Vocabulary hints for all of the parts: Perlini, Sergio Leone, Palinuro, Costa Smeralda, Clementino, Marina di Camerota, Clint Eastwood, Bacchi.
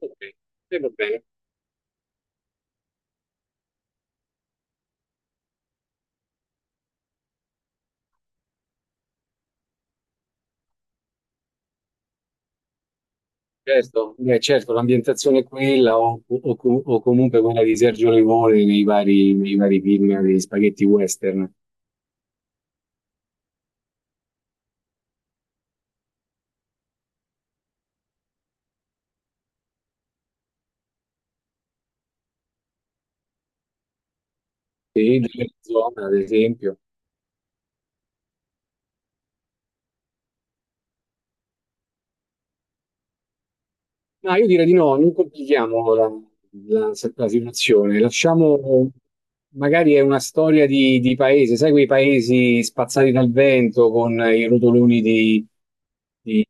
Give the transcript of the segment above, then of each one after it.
Ok, e va bene, certo, beh, certo, l'ambientazione è quella o comunque quella di Sergio Leone nei vari film di spaghetti western, sì, della zona, ad esempio. Ma io direi di no, non complichiamo la- la situazione, lasciamo, magari è una storia di paese, sai quei paesi spazzati dal vento con i rotoloni di,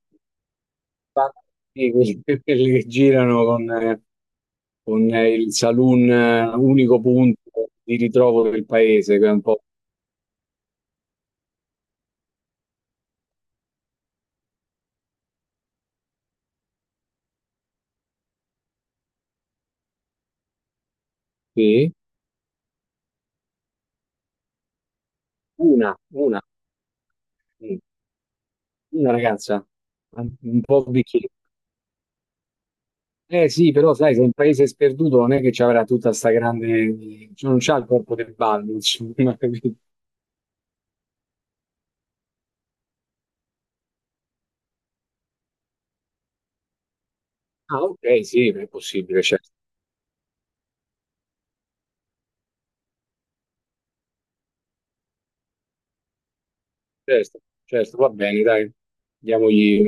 sì, quelli, quelli che girano con, il saloon, unico punto di ritrovo del paese, che è un po' sì. Una, una, sì. Una ragazza, un po' vecchia. Eh sì, però sai, se un paese sperduto non è che ci avrà tutta sta grande, cioè, non c'ha il corpo del ballo, insomma, capito? Ah, ok, sì, è possibile, certo, certo, certo, va bene, dai, diamogli.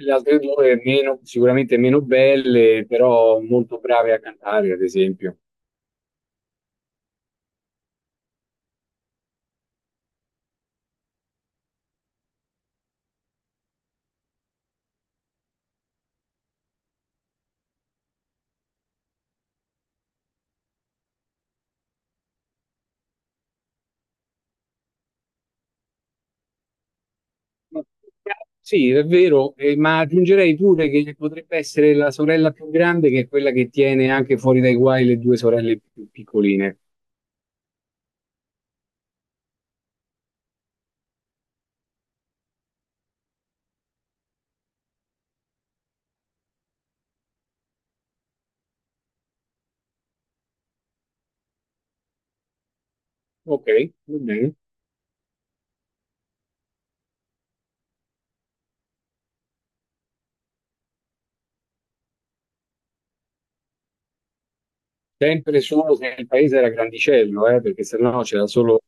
Le altre due meno, sicuramente meno belle, però molto brave a cantare, ad esempio. Ma- Sì, è vero, ma aggiungerei pure che potrebbe essere la sorella più grande, che è quella che tiene anche fuori dai guai le due sorelle più piccoline. Ok, va bene. Sempre solo se il paese era grandicello, perché sennò c'era solo.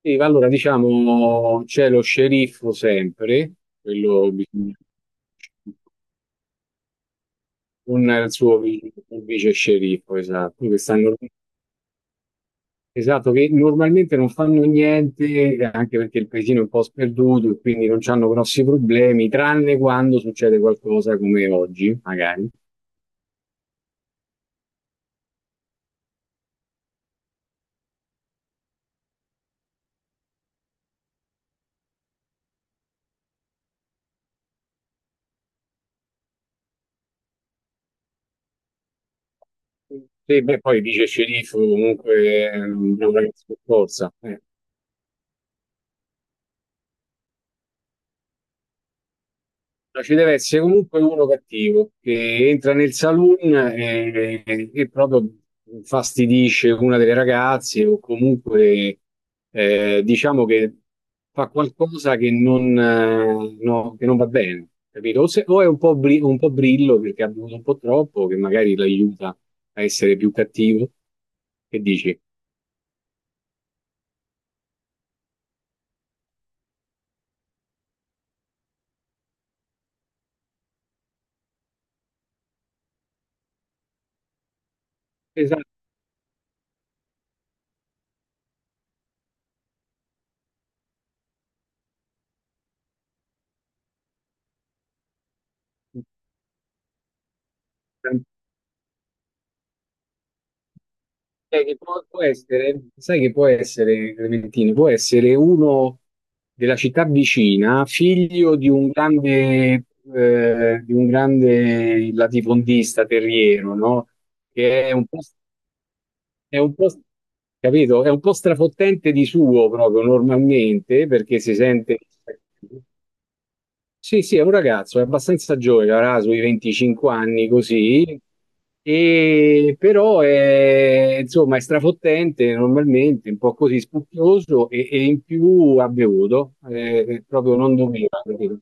Sì, ma allora diciamo c'è lo sceriffo sempre, quello bisogna- con il suo vi- il vice sceriffo, esatto, che stanno. Esatto, che normalmente non fanno niente, anche perché il paesino è un po' sperduto e quindi non hanno grossi problemi, tranne quando succede qualcosa come oggi, magari. Sì, beh, poi dice sceriffo, comunque è una ragazza scorsa, eh. No, ci deve essere comunque uno cattivo che entra nel saloon e proprio fastidisce una delle ragazze o comunque diciamo che fa qualcosa che non, che non va bene, capito? O, se- o è un po' brillo perché ha bevuto un po' troppo, che magari l'aiuta a essere più cattivo. Che dici? Esatto. Sai che può essere, sai che può essere, Clementino, può essere uno della città vicina, figlio di un grande latifondista terriero, no? Che è un po', capito? È un po' strafottente di suo proprio normalmente, perché si sente. Sì, sì, è un ragazzo, è abbastanza giovane, avrà sui 25 anni così, e però è, insomma, è strafottente normalmente, un po' così spocchioso e in più ha bevuto, proprio non doveva, capito?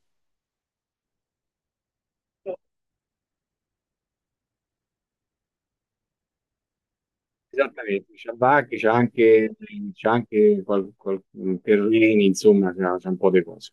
Esattamente, c'ha Bacchi, c'ha anche Perlini, insomma, c'ha un po' di cose.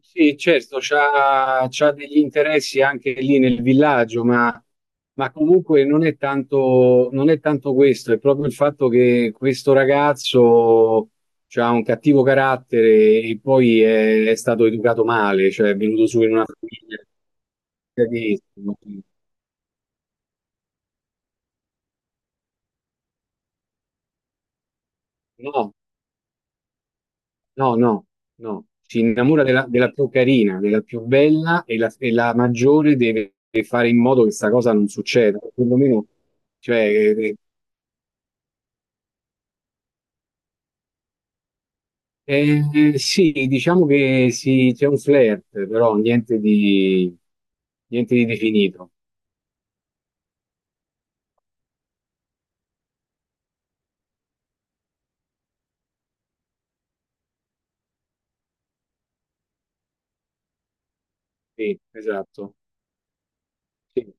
Sì, certo, c'ha degli interessi anche lì nel villaggio, ma comunque non è tanto questo, è proprio il fatto che questo ragazzo ha un cattivo carattere e poi è stato educato male, cioè è venuto su in una famiglia catechismo. No, no, no, no. Si innamora della più carina, della più bella e la maggiore deve fare in modo che questa cosa non succeda. Perlomeno, cioè, Eh, sì, diciamo che sì, c'è un flirt, però niente di definito. Sì, esatto. Sì.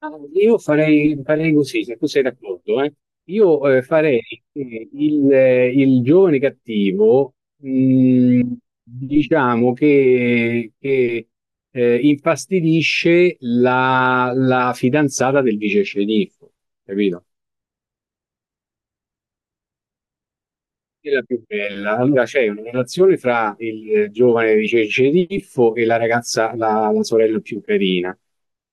Ah, io farei, farei così, se tu sei d'accordo, eh. Io farei che il giovane cattivo, diciamo che infastidisce la fidanzata del vice sceriffo, capito? È la più bella. Allora c'è una relazione tra il giovane di Cerceriffo e la ragazza, la sorella più carina.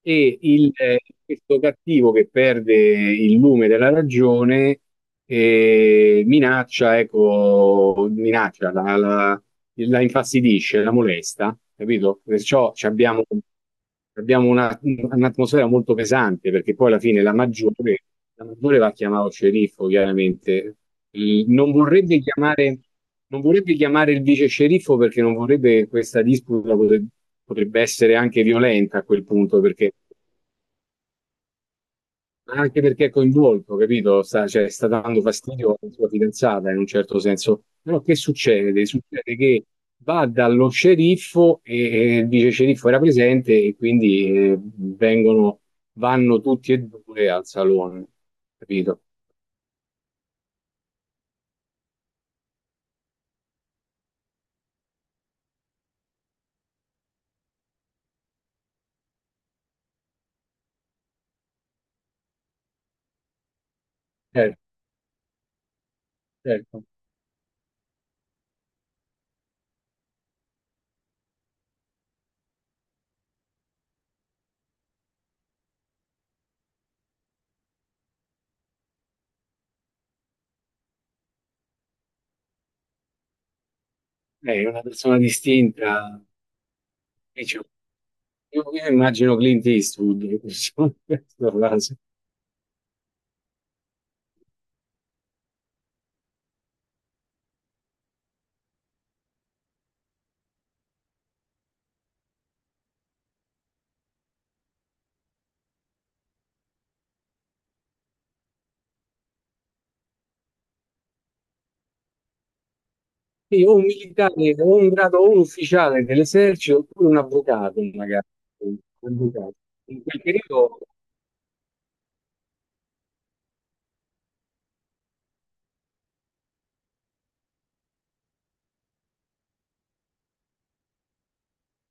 E questo cattivo che perde il lume della ragione eh, minaccia la infastidisce, la molesta, capito? Perciò ci abbiamo. Un'atmosfera molto pesante perché poi alla fine la maggiore va chiamato sceriffo, chiaramente. Il- non vorrebbe chiamare, Non vorrebbe chiamare il vice sceriffo perché non vorrebbe che potrebbe essere anche violenta a quel punto perché anche perché è coinvolto, capito? Sta, cioè, sta dando fastidio alla sua fidanzata in un certo senso. Però che succede? Succede che va dallo sceriffo e il vice sceriffo era presente e quindi vanno tutti e due al salone, capito? Certo, certo. È una persona distinta. Dice, io immagino Clint Eastwood, in questo caso. Sì, o un militare, o un grado, o un ufficiale dell'esercito, oppure un avvocato, magari. Un avvocato. In quel periodo,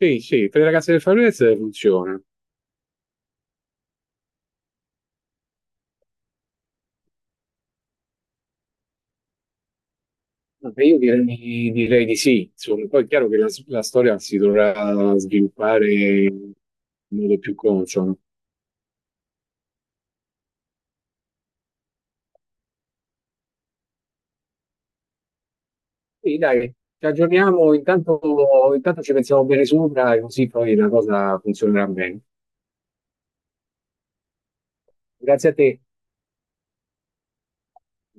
sì, sì, per le ragazze del Far funziona. Vabbè, io direi, direi di sì, insomma, poi è chiaro che la storia si dovrà sviluppare in modo più consono. Quindi dai, ci aggiorniamo, intanto ci pensiamo bene sopra, e così poi la cosa funzionerà bene. Grazie a te.